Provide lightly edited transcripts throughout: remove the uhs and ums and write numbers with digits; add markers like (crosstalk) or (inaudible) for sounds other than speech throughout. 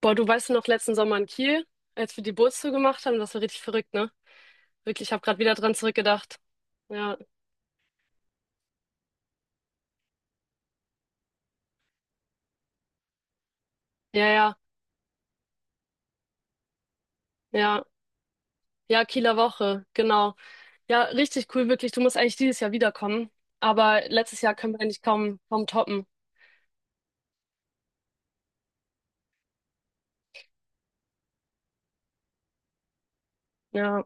Boah, du weißt noch letzten Sommer in Kiel, als wir die Bootstour gemacht haben, das war richtig verrückt, ne? Wirklich, ich habe gerade wieder dran zurückgedacht. Ja, ja, ja, ja, ja, Kieler Woche, genau. Ja, richtig cool, wirklich. Du musst eigentlich dieses Jahr wiederkommen, aber letztes Jahr können wir eigentlich kaum toppen. Ja,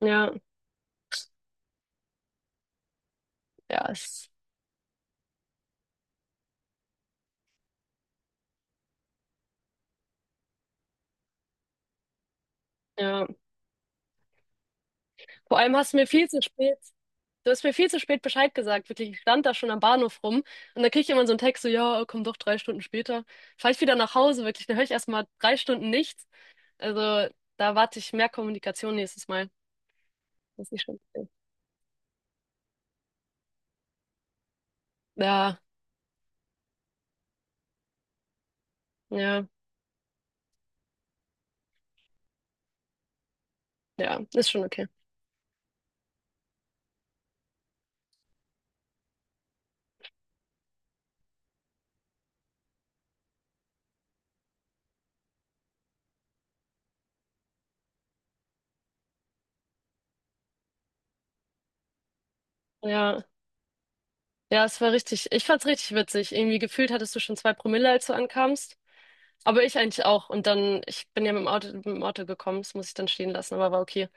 ja, ja, ja. Vor allem hast du mir viel zu spät, Du hast mir viel zu spät Bescheid gesagt, wirklich. Ich stand da schon am Bahnhof rum und da krieg ich immer so einen Text, so, ja, komm doch 3 Stunden später. Fahr ich wieder nach Hause, wirklich. Dann höre ich erstmal 3 Stunden nichts. Also da warte ich mehr Kommunikation nächstes Mal. Das ist nicht schlimm. Ja, ja, ja, ist schon okay. Ja, ja, es war richtig. Ich fand's richtig witzig. Irgendwie gefühlt hattest du schon 2 Promille, als du ankamst. Aber ich eigentlich auch. Und dann, ich bin ja mit dem Auto, gekommen, das muss ich dann stehen lassen, aber war okay.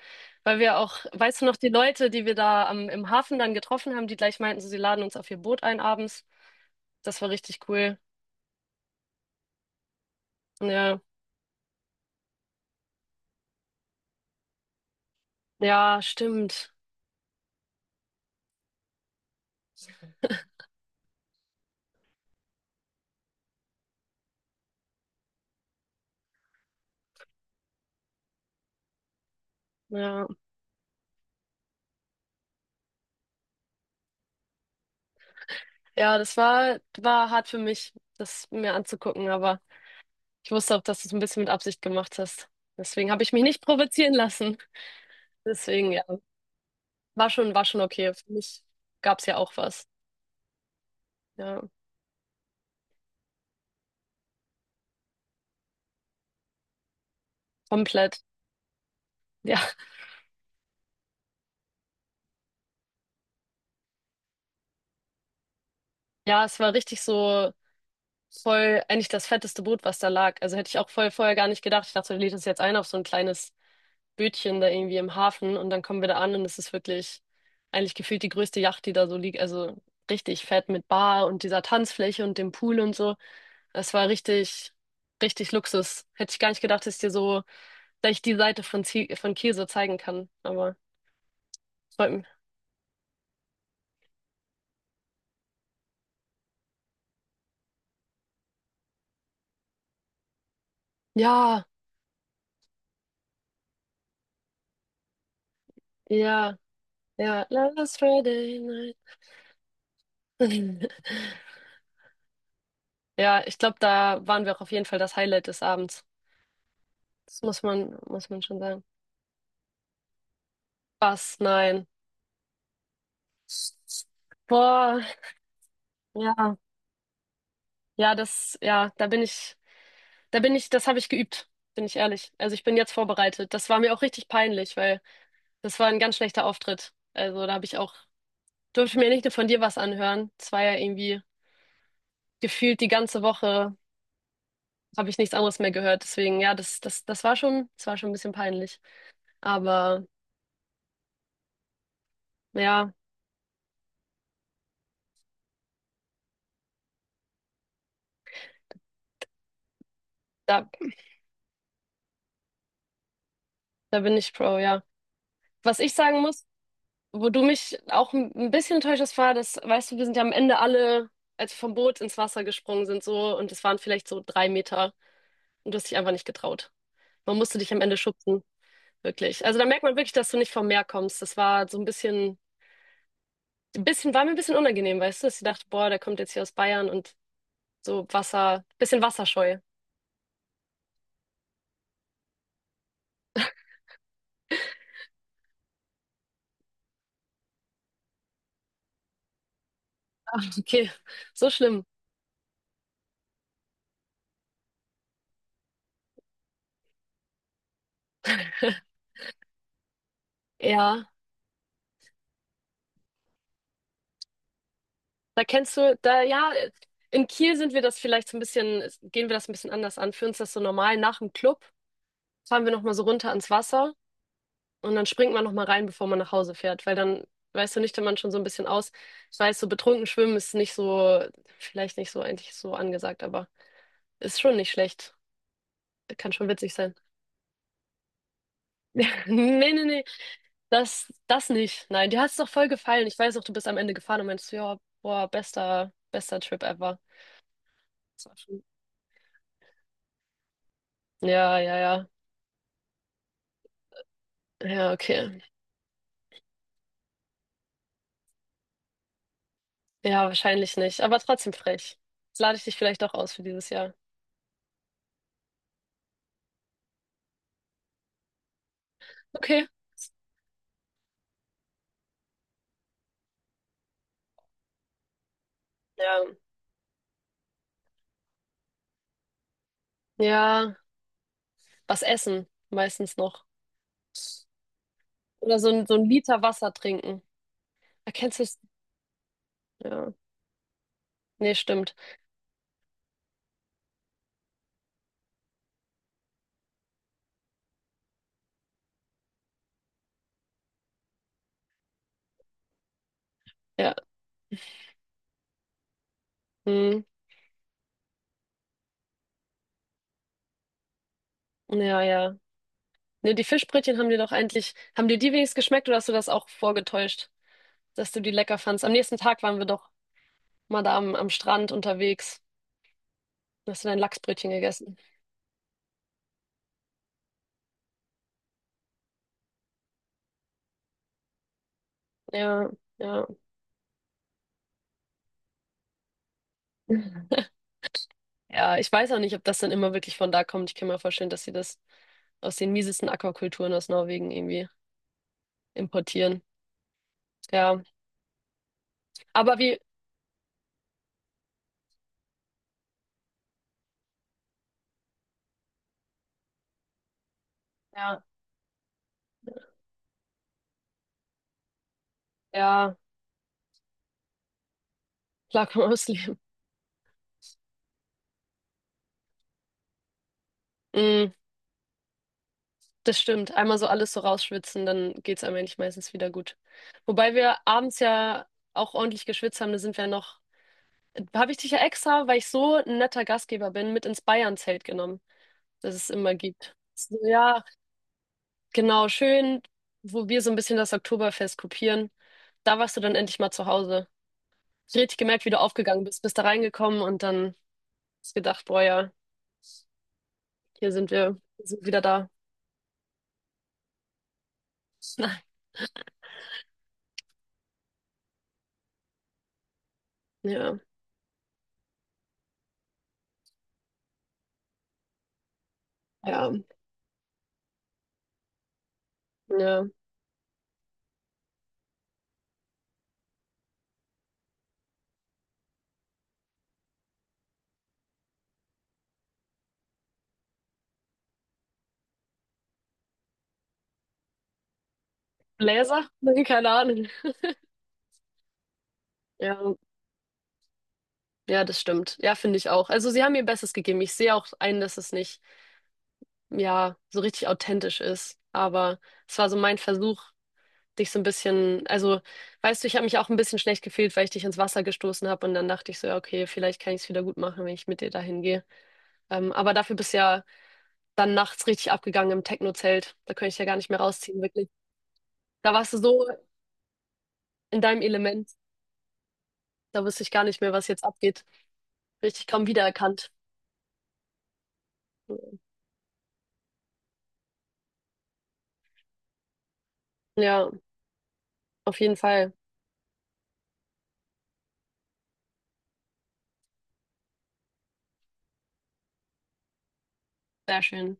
Weil wir auch, weißt du noch, die Leute, die wir da im Hafen dann getroffen haben, die gleich meinten, so, sie laden uns auf ihr Boot ein abends. Das war richtig cool. Ja, ja, stimmt. Ja. Ja, das war, war hart für mich, das mir anzugucken, aber ich wusste auch, dass du es ein bisschen mit Absicht gemacht hast. Deswegen habe ich mich nicht provozieren lassen. (laughs) Deswegen, ja, war schon okay. Für mich gab es ja auch was. Ja, komplett. (laughs) Ja, ja, es war richtig so voll, eigentlich das fetteste Boot, was da lag. Also hätte ich auch voll vorher gar nicht gedacht. Ich dachte, du lädst es jetzt ein auf so ein kleines Bötchen da irgendwie im Hafen und dann kommen wir da an und es ist wirklich eigentlich gefühlt die größte Yacht, die da so liegt. Also richtig fett mit Bar und dieser Tanzfläche und dem Pool und so. Es war richtig, richtig Luxus. Hätte ich gar nicht gedacht, dass ich dir so gleich die Seite von, von Kiel so zeigen kann. Aber freut mich. Ja, ja, ja. Last Friday night. (laughs) Ja, ich glaube, da waren wir auch auf jeden Fall das Highlight des Abends. Das muss man schon sagen. Was? Nein. Boah, ja. Ja, das, ja, da bin ich, das habe ich geübt, bin ich ehrlich. Also ich bin jetzt vorbereitet. Das war mir auch richtig peinlich, weil das war ein ganz schlechter Auftritt. Also da habe ich auch, durfte ich mir nicht nur von dir was anhören. Es war ja irgendwie gefühlt die ganze Woche habe ich nichts anderes mehr gehört. Deswegen, ja, das war schon ein bisschen peinlich. Aber ja, da, da bin ich Pro, ja. Was ich sagen muss, wo du mich auch ein bisschen enttäuscht hast, war, dass, weißt du, wir sind ja am Ende alle, als wir vom Boot ins Wasser gesprungen sind, so, und es waren vielleicht so 3 Meter und du hast dich einfach nicht getraut. Man musste dich am Ende schubsen, wirklich. Also da merkt man wirklich, dass du nicht vom Meer kommst. Das war so ein bisschen, war mir ein bisschen unangenehm, weißt du, dass ich dachte, boah, der kommt jetzt hier aus Bayern und so Wasser, bisschen wasserscheu. (laughs) Okay, so schlimm. Ja, da kennst du, da, ja, in Kiel sind wir das vielleicht so ein bisschen, gehen wir das ein bisschen anders an. Für uns ist das so normal nach dem Club. Fahren wir nochmal so runter ans Wasser und dann springt man nochmal rein, bevor man nach Hause fährt, weil dann, weißt du, nüchtern man schon so ein bisschen aus. Ich weiß, so betrunken schwimmen ist nicht so, vielleicht nicht so eigentlich so angesagt, aber ist schon nicht schlecht. Kann schon witzig sein. (laughs) Nee, nee, nee. Das, das nicht. Nein, dir hat es doch voll gefallen. Ich weiß auch, du bist am Ende gefahren und meinst, ja, boah, bester, bester Trip ever. Das war schon. Ja, ja, ja. Ja, okay. Ja, wahrscheinlich nicht. Aber trotzdem frech. Jetzt lade ich dich vielleicht doch aus für dieses Jahr. Okay. Ja. Ja, was essen meistens noch. Oder so 1 Liter Wasser trinken. Erkennst du es? Ja. Nee, stimmt. Ja. Hm. Ja, ja. Nee, die Fischbrötchen haben dir die wenigstens geschmeckt oder hast du das auch vorgetäuscht, dass du die lecker fandst? Am nächsten Tag waren wir doch mal da am Strand unterwegs. Da Hast du dein Lachsbrötchen gegessen? Ja, ja. (laughs) Ja, ich weiß auch nicht, ob das dann immer wirklich von da kommt. Ich kann mir vorstellen, dass sie das aus den miesesten Aquakulturen aus Norwegen irgendwie importieren. Ja, aber wie, ja. Ja, klar kann man ausleben. Mm, das stimmt. Einmal so alles so rausschwitzen, dann geht's einem eigentlich meistens wieder gut. Wobei wir abends ja auch ordentlich geschwitzt haben, da sind wir ja noch. Habe ich dich ja extra, weil ich so ein netter Gastgeber bin, mit ins Bayern-Zelt genommen, das es immer gibt. So, ja, genau, schön, wo wir so ein bisschen das Oktoberfest kopieren. Da warst du dann endlich mal zu Hause. Ich hab richtig gemerkt, wie du aufgegangen bist, bist da reingekommen und dann hast gedacht, boah ja, hier sind wir, wir sind wieder da. (laughs) Ja, ja, ja. Bläser? (laughs) Keine Ahnung. Ja, ja, das stimmt. Ja, finde ich auch. Also sie haben ihr Bestes gegeben. Ich sehe auch ein, dass es nicht, ja, so richtig authentisch ist. Aber es war so mein Versuch, dich so ein bisschen, also, weißt du, ich habe mich auch ein bisschen schlecht gefühlt, weil ich dich ins Wasser gestoßen habe und dann dachte ich so, ja, okay, vielleicht kann ich es wieder gut machen, wenn ich mit dir dahin gehe. Aber dafür bist du ja dann nachts richtig abgegangen im Techno-Zelt. Da könnte ich ja gar nicht mehr rausziehen, wirklich. Da warst du so in deinem Element. Da wusste ich gar nicht mehr, was jetzt abgeht. Richtig kaum wiedererkannt. Ja. Auf jeden Fall, sehr schön.